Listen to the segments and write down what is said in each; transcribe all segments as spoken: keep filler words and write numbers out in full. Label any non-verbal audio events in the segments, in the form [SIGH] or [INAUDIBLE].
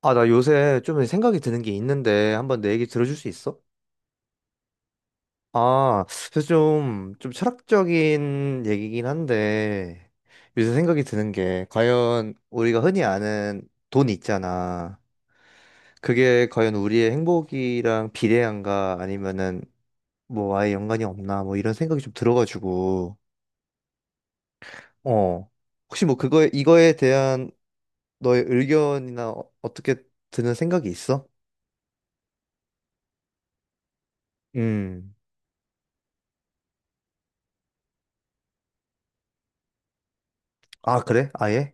아, 나 요새 좀 생각이 드는 게 있는데 한번 내 얘기 들어줄 수 있어? 아, 그래서 좀, 좀 철학적인 얘기긴 한데 요새 생각이 드는 게 과연 우리가 흔히 아는 돈 있잖아. 그게 과연 우리의 행복이랑 비례한가 아니면은 뭐 아예 연관이 없나 뭐 이런 생각이 좀 들어가지고 어, 혹시 뭐 그거에, 이거에 대한 너의 의견이나 어- 어떻게 드는 생각이 있어? 음, 아, 그래? 아예?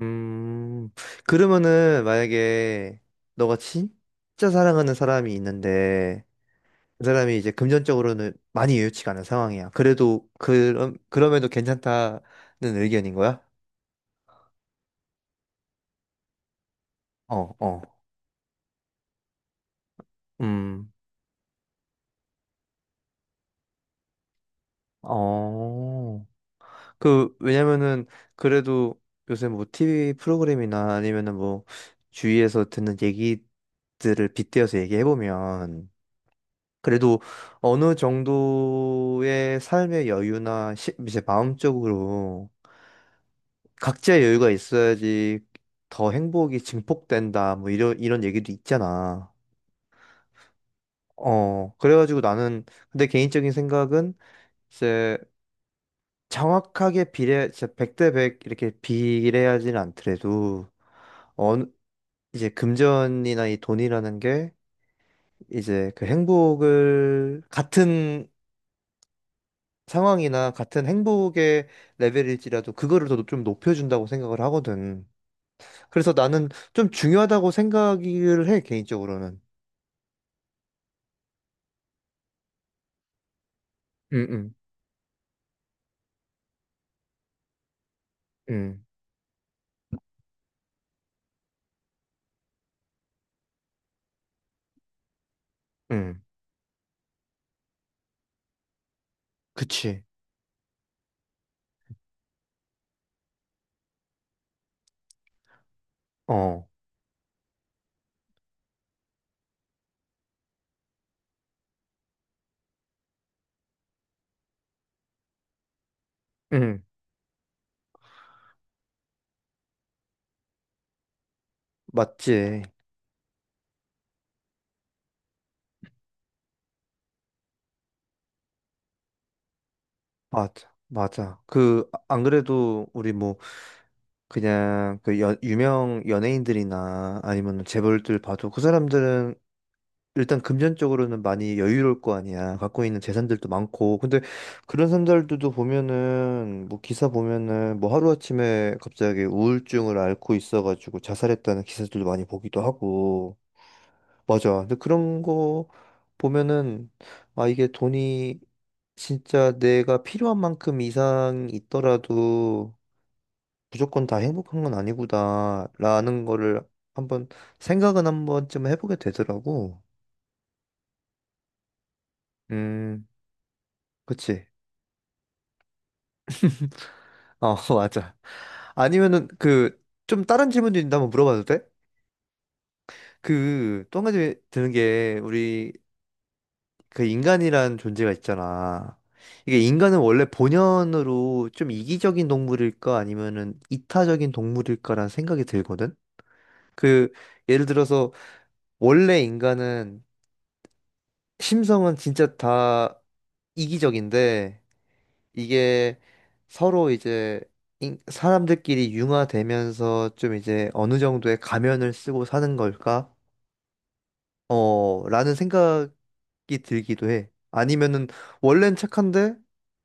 음, 그러면은 만약에 너가 진짜 사랑하는 사람이 있는데 그 사람이 이제 금전적으로는 많이 여유치가 않은 상황이야. 그래도 그럼 그럼에도 괜찮다는 의견인 거야? 어, 어. 음. 어. 그 왜냐면은 그래도 요새 뭐 티비 프로그램이나 아니면은 뭐 주위에서 듣는 얘기들을 빗대어서 얘기해 보면 그래도 어느 정도의 삶의 여유나 시- 이제 마음적으로 각자의 여유가 있어야지 더 행복이 증폭된다 뭐 이런 이런 얘기도 있잖아. 어 그래가지고 나는 근데 개인적인 생각은 이제 정확하게 비례 진짜 백 대 백 이렇게 비례하지는 않더라도 어느 이제 금전이나 이 돈이라는 게 이제 그 행복을 같은 상황이나 같은 행복의 레벨일지라도 그거를 더 좀 높여준다고 생각을 하거든. 그래서 나는 좀 중요하다고 생각을 해, 개인적으로는. 응, 응, 응, 응. 그치. 어, 응. 맞지. 맞아. 맞아. 그, 안 그래도 우리 뭐, 그냥 그 여- 유명 연예인들이나 아니면 재벌들 봐도 그 사람들은 일단 금전적으로는 많이 여유로울 거 아니야. 갖고 있는 재산들도 많고. 근데 그런 사람들도 보면은 뭐 기사 보면은 뭐 하루아침에 갑자기 우울증을 앓고 있어가지고 자살했다는 기사들도 많이 보기도 하고. 맞아. 근데 그런 거 보면은 아, 이게 돈이 진짜 내가 필요한 만큼 이상 있더라도 무조건 다 행복한 건 아니구나라는 거를 한번 생각은 한 번쯤 해보게 되더라고. 음, 그치. 어, [LAUGHS] 맞아. 아니면은 그 좀 다른 질문도 있는데 한번 물어봐도 돼? 그 또 한 가지 드는 게 우리 그 인간이란 존재가 있잖아. 이게 인간은 원래 본연으로 좀 이기적인 동물일까 아니면은 이타적인 동물일까라는 생각이 들거든. 그 예를 들어서 원래 인간은 심성은 진짜 다 이기적인데 이게 서로 이제 인- 사람들끼리 융화되면서 좀 이제 어느 정도의 가면을 쓰고 사는 걸까? 어, 라는 생각이 들기도 해. 아니면은 원래는 착한데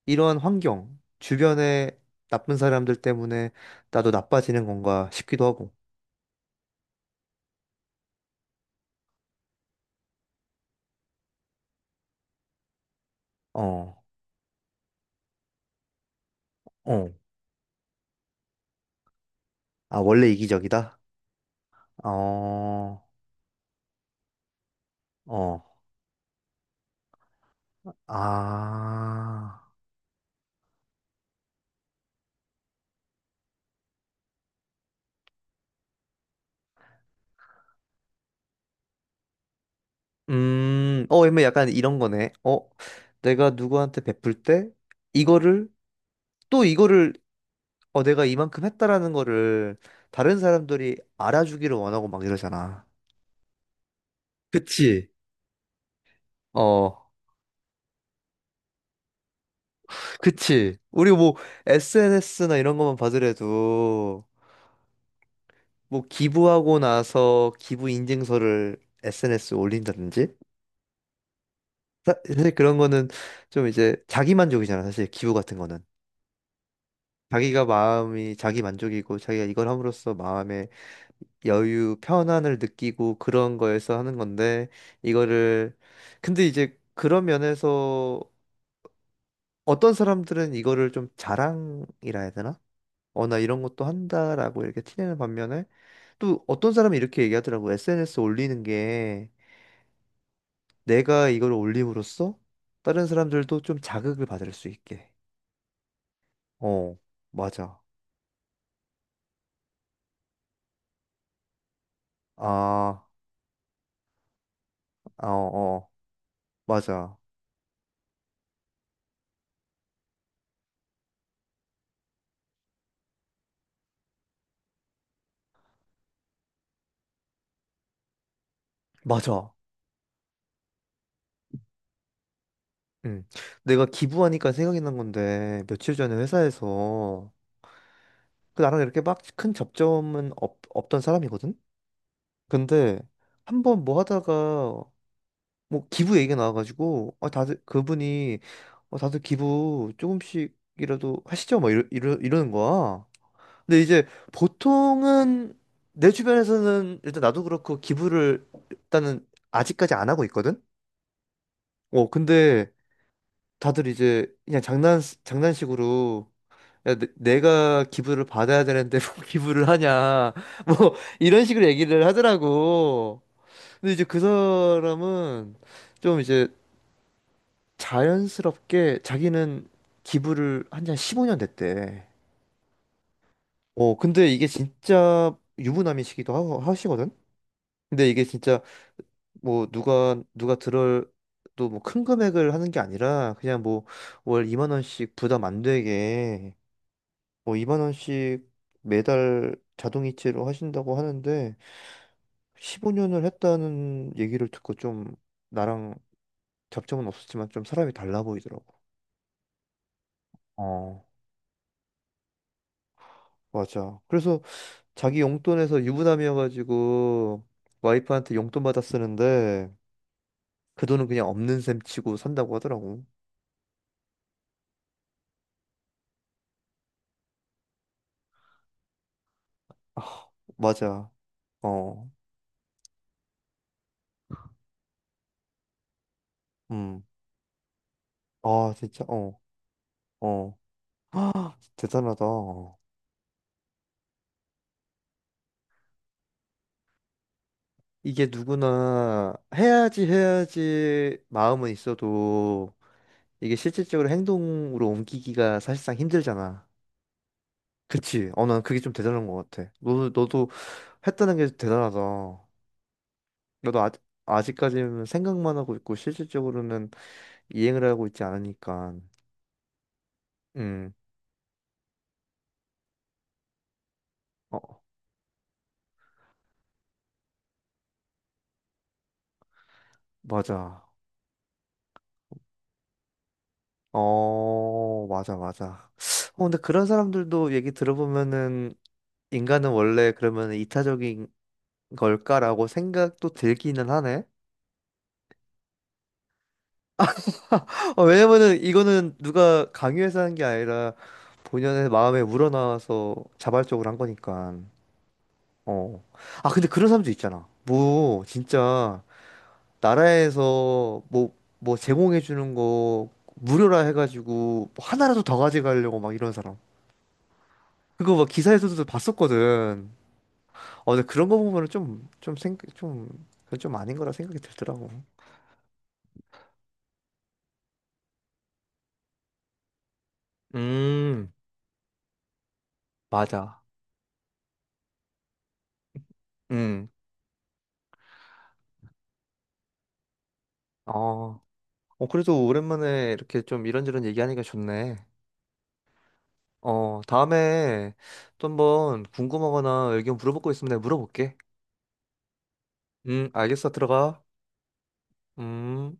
이러한 환경, 주변에 나쁜 사람들 때문에 나도 나빠지는 건가 싶기도 하고. 어, 어. 아, 원래 이기적이다? 어, 어. 아. 음, 어, 뭐 약간 이런 거네. 어, 내가 누구한테 베풀 때 이거를 또 이거를 어 내가 이만큼 했다라는 거를 다른 사람들이 알아주기를 원하고 막 이러잖아. 그치? 어, 그치. 우리 뭐 에스엔에스나 이런 것만 봐더라도 뭐 기부하고 나서 기부 인증서를 에스엔에스에 올린다든지 사- 사실 그런 거는 좀 이제 자기 만족이잖아. 사실 기부 같은 거는 자기가 마음이 자기 만족이고 자기가 이걸 함으로써 마음에 여유, 편안을 느끼고 그런 거에서 하는 건데, 이거를, 근데 이제 그런 면에서 어떤 사람들은 이거를 좀 자랑이라 해야 되나? 어, 나 이런 것도 한다라고 이렇게 티내는 반면에, 또 어떤 사람이 이렇게 얘기하더라고. 에스엔에스 올리는 게 내가 이걸 올림으로써 다른 사람들도 좀 자극을 받을 수 있게. 어, 맞아. 아, 아, 어, 어, 맞아. 맞아. 응. 내가 기부하니까 생각이 난 건데, 며칠 전에 회사에서, 그 나랑 이렇게 막 큰 접점은 없, 없던 사람이거든? 근데, 한번 뭐 하다가, 뭐 기부 얘기가 나와가지고, 아, 다들, 그분이, 어, 다들 기부 조금씩이라도 하시죠? 막 이러, 이러, 이러는 거야. 근데 이제 보통은, 내 주변에서는 일단 나도 그렇고 기부를 일단은 아직까지 안 하고 있거든? 어, 근데 다들 이제 그냥 장난, 장난식으로 야, 내, 내가 기부를 받아야 되는데 [LAUGHS] 뭐 기부를 하냐 뭐 이런 식으로 얘기를 하더라고. 근데 이제 그 사람은 좀 이제 자연스럽게 자기는 기부를 한 지 한 십오 년 됐대. 어 근데 이게 진짜 유부남이시기도 하, 하시거든. 근데 이게 진짜 뭐 누가 누가 들을 또 뭐 큰 금액을 하는 게 아니라 그냥 뭐 월 이만 원씩 부담 안 되게 뭐 이만 원씩 매달 자동이체로 하신다고 하는데 십오 년을 했다는 얘기를 듣고 좀 나랑 접점은 없었지만 좀 사람이 달라 보이더라고. 어, 맞아. 그래서 자기 용돈에서 유부남이어가지고 와이프한테 용돈 받아 쓰는데 그 돈은 그냥 없는 셈 치고 산다고 하더라고. [LAUGHS] 아, 맞아. 어. 음. 아, 진짜. 어. 어. [GASPS] 대단하다. 이게 누구나 해야지 해야지 마음은 있어도 이게 실질적으로 행동으로 옮기기가 사실상 힘들잖아. 그치? 어, 난 그게 좀 대단한 것 같아. 너, 너도 했다는 게 대단하다. 너도 아, 아직까지는 생각만 하고 있고 실질적으로는 이행을 하고 있지 않으니까. 음, 어, 맞아. 어, 맞아, 맞아. 어, 근데 그런 사람들도 얘기 들어보면은 인간은 원래 그러면 이타적인 걸까라고 생각도 들기는 하네. [LAUGHS] 어, 왜냐면은 이거는 누가 강요해서 한 게 아니라 본연의 마음에 우러나와서 자발적으로 한 거니까. 어. 아, 근데 그런 사람도 있잖아. 뭐, 진짜, 나라에서 뭐, 뭐 제공해주는 거 무료라 해가지고 뭐 하나라도 더 가져가려고 막 이런 사람. 그거 막 기사에서도 봤었거든. 어, 근데 그런 거 보면은 좀, 좀 생, 좀, 그건 좀 아닌 거라 생각이 들더라고. 음, 맞아. 음. 어, 어, 그래도 오랜만에 이렇게 좀 이런저런 얘기하니까 좋네. 어, 다음에 또 한번 궁금하거나 의견 물어볼 거 있으면 내가 물어볼게. 음, 알겠어. 들어가. 음.